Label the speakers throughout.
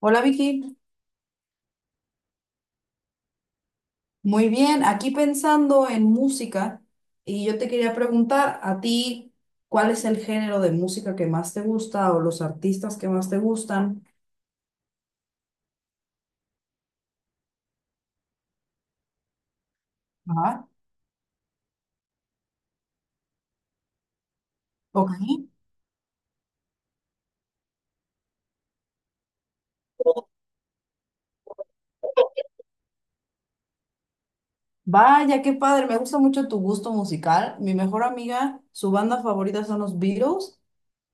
Speaker 1: Hola Vicky, muy bien. Aquí pensando en música y yo te quería preguntar a ti, ¿cuál es el género de música que más te gusta o los artistas que más te gustan? Ajá. Ok. Vaya, qué padre, me gusta mucho tu gusto musical. Mi mejor amiga, su banda favorita son los Beatles.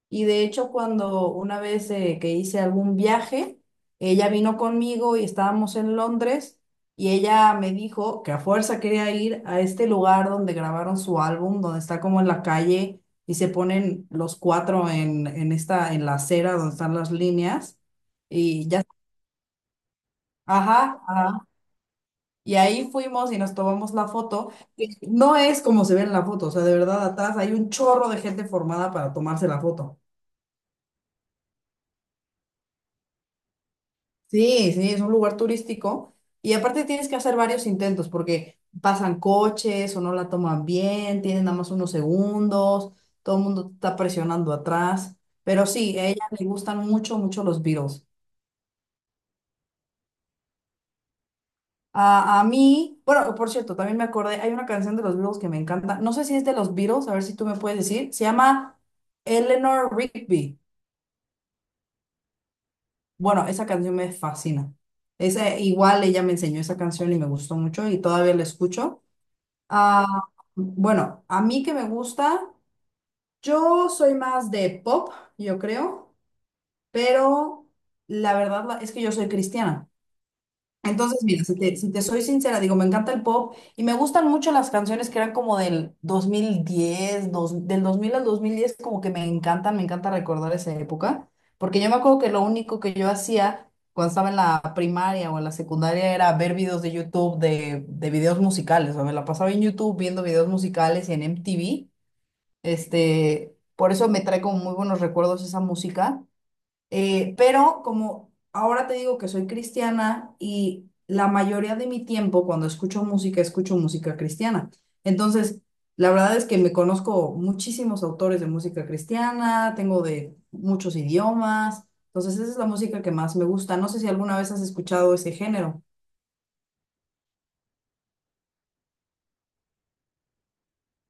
Speaker 1: Y de hecho, cuando una vez que hice algún viaje, ella vino conmigo y estábamos en Londres y ella me dijo que a fuerza quería ir a este lugar donde grabaron su álbum, donde está como en la calle y se ponen los cuatro en esta, en la acera donde están las líneas. Y ya, ajá, ajá. Y ahí fuimos y nos tomamos la foto. No es como se ve en la foto, o sea, de verdad atrás hay un chorro de gente formada para tomarse la foto. Sí, sí, es un lugar turístico y aparte tienes que hacer varios intentos porque pasan coches o no la toman bien, tienen nada más unos segundos, todo el mundo te está presionando atrás, pero sí, a ella le gustan mucho, mucho los Beatles. A mí, bueno, por cierto, también me acordé, hay una canción de los Beatles que me encanta, no sé si es de los Beatles, a ver si tú me puedes decir, se llama Eleanor Rigby. Bueno, esa canción me fascina. Esa, igual ella me enseñó esa canción y me gustó mucho y todavía la escucho. Ah, bueno, a mí que me gusta, yo soy más de pop, yo creo, pero es que yo soy cristiana. Entonces, mira, si te soy sincera, digo, me encanta el pop y me gustan mucho las canciones que eran como del 2010, del 2000 al 2010, como que me encantan, me encanta recordar esa época, porque yo me acuerdo que lo único que yo hacía cuando estaba en la primaria o en la secundaria era ver videos de YouTube de videos musicales, o sea, me la pasaba en YouTube viendo videos musicales y en MTV, por eso me trae como muy buenos recuerdos esa música. Pero como ahora te digo que soy cristiana y la mayoría de mi tiempo cuando escucho música cristiana. Entonces, la verdad es que me conozco muchísimos autores de música cristiana, tengo de muchos idiomas. Entonces, esa es la música que más me gusta. No sé si alguna vez has escuchado ese género.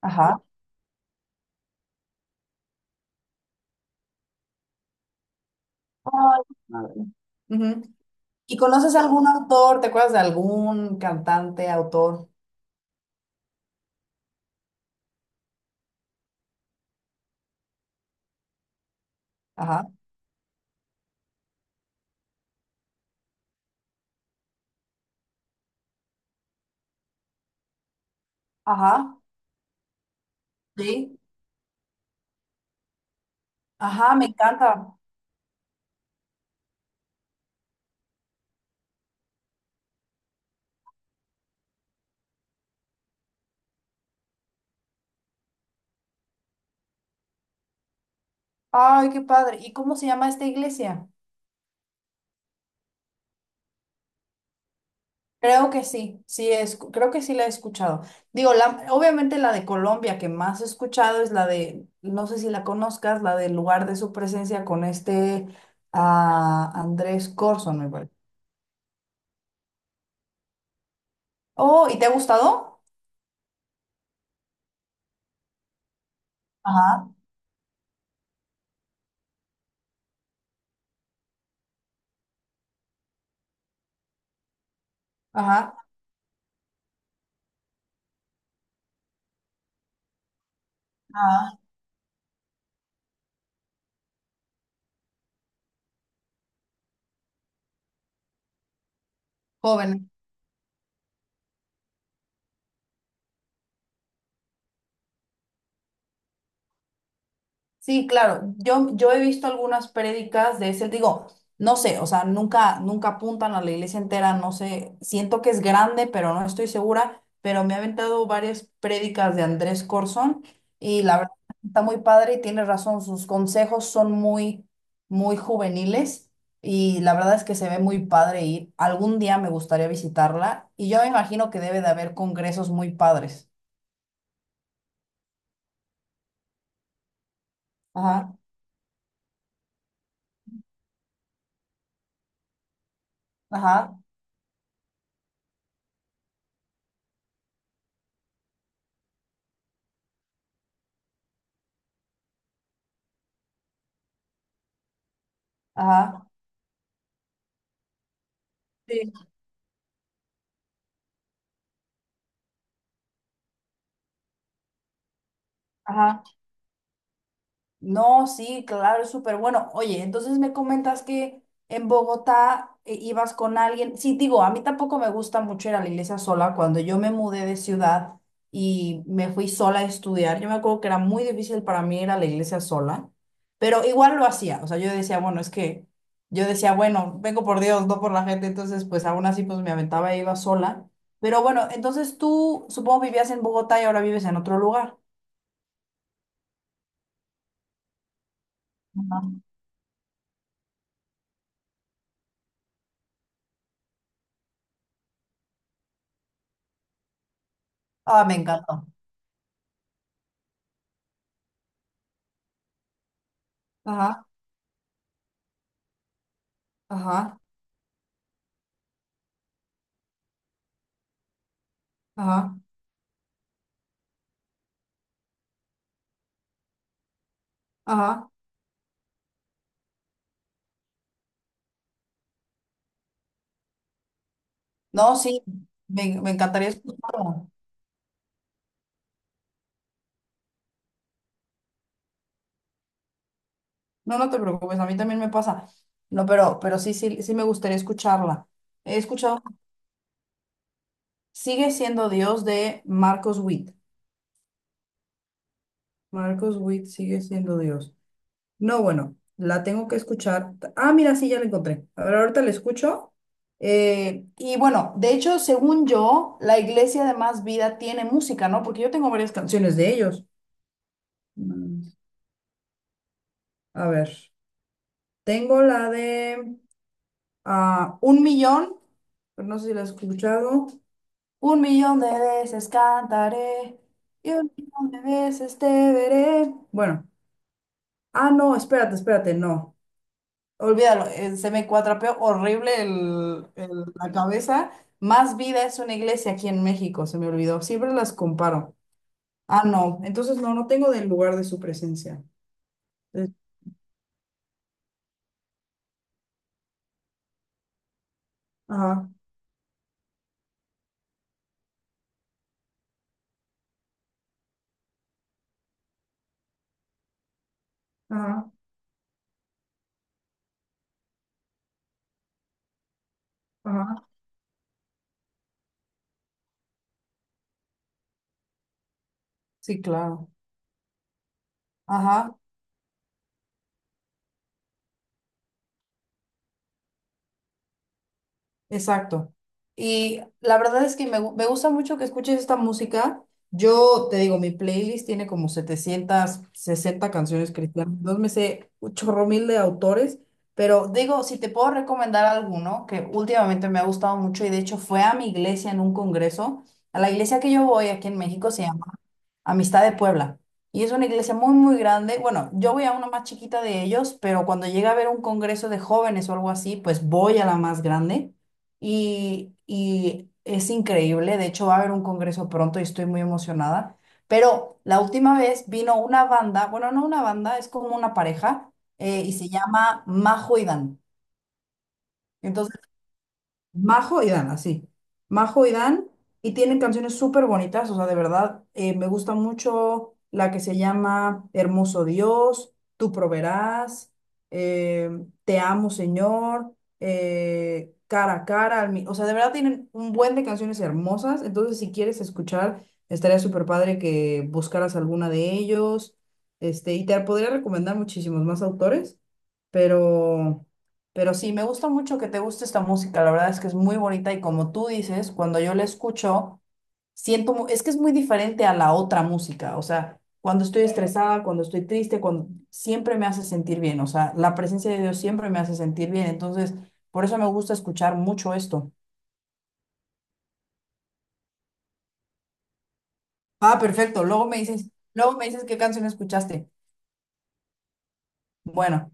Speaker 1: Ajá. Ay, madre. Ujú. ¿Y conoces algún autor? ¿Te acuerdas de algún cantante, autor? Ajá, ajá. Sí. Ajá, me encanta. Ay, qué padre. ¿Y cómo se llama esta iglesia? Creo que sí, sí, es, creo que sí la he escuchado. Digo, la, obviamente la de Colombia que más he escuchado es la de, no sé si la conozcas, la del lugar de su presencia con este ah, Andrés Corson, me parece. Oh, ¿y te ha gustado? Ajá, ajá, ajá. Joven. Sí, claro. Yo he visto algunas prédicas de ese, digo, no sé, o sea, nunca, nunca apuntan a la iglesia entera, no sé, siento que es grande, pero no estoy segura, pero me ha aventado varias prédicas de Andrés Corzón y la verdad está muy padre y tiene razón, sus consejos son muy, muy juveniles y la verdad es que se ve muy padre ir. Algún día me gustaría visitarla y yo me imagino que debe de haber congresos muy padres. Ajá, ajá, ajá. Sí. Ajá. No, sí, claro, es súper bueno. Oye, entonces me comentas que en Bogotá ibas con alguien. Sí, digo, a mí tampoco me gusta mucho ir a la iglesia sola. Cuando yo me mudé de ciudad y me fui sola a estudiar, yo me acuerdo que era muy difícil para mí ir a la iglesia sola, pero igual lo hacía. O sea, yo decía, bueno, vengo por Dios, no por la gente. Entonces, pues aún así, pues me aventaba e iba sola. Pero bueno, entonces tú supongo vivías en Bogotá y ahora vives en otro lugar. Ajá. Ah, me encantó. Ajá. Ajá, ajá, ajá. No, sí, me encantaría escucharla. No, no te preocupes, a mí también me pasa. No, pero sí, sí, sí me gustaría escucharla. He escuchado, sigue siendo Dios de Marcos Witt. Marcos Witt sigue siendo Dios. No, bueno, la tengo que escuchar. Ah, mira, sí, ya la encontré. A ver, ahorita la escucho. Y bueno, de hecho, según yo, la iglesia de Más Vida tiene música, ¿no? Porque yo tengo varias canciones de ellos. Mm. A ver. Tengo la de ah, un millón, pero no sé si la has escuchado. Un millón de veces cantaré y un millón de veces te veré. Bueno, ah, no, espérate, espérate, no. Olvídalo, se me cuatrapeó horrible la cabeza. Más vida es una iglesia aquí en México, se me olvidó. Siempre las comparo. Ah, no, entonces no, no tengo del lugar de su presencia. Eh, Ajá, ajá, ajá. Sí, claro. Ajá. Exacto. Y la verdad es que me gusta mucho que escuches esta música. Yo te digo, mi playlist tiene como 760 canciones cristianas. Entonces me sé un chorro mil de autores. Pero digo, si te puedo recomendar alguno que últimamente me ha gustado mucho y de hecho fue a mi iglesia en un congreso. A la iglesia que yo voy aquí en México se llama Amistad de Puebla. Y es una iglesia muy, muy grande. Bueno, yo voy a una más chiquita de ellos, pero cuando llega a haber un congreso de jóvenes o algo así, pues voy a la más grande. Y es increíble. De hecho, va a haber un congreso pronto y estoy muy emocionada. Pero la última vez vino una banda, bueno, no una banda, es como una pareja, y se llama Majo y Dan. Entonces Majo y Dan, así. Majo y Dan, y tienen canciones súper bonitas, o sea, de verdad, me gusta mucho la que se llama Hermoso Dios, Tú proveerás, eh, Te amo Señor, Cara a Cara, o sea, de verdad tienen un buen de canciones hermosas, entonces si quieres escuchar, estaría súper padre que buscaras alguna de ellos, y te podría recomendar muchísimos más autores, pero, pero sí, me gusta mucho que te guste esta música, la verdad es que es muy bonita y como tú dices, cuando yo la escucho, es que es muy diferente a la otra música, o sea, cuando estoy estresada, cuando estoy triste, cuando, siempre me hace sentir bien, o sea, la presencia de Dios siempre me hace sentir bien, entonces, por eso me gusta escuchar mucho esto. Ah, perfecto, luego me dices qué canción escuchaste. Bueno,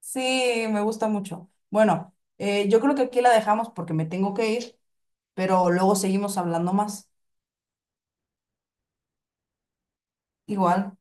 Speaker 1: sí, me gusta mucho. Bueno, yo creo que aquí la dejamos porque me tengo que ir, pero luego seguimos hablando más. Igual.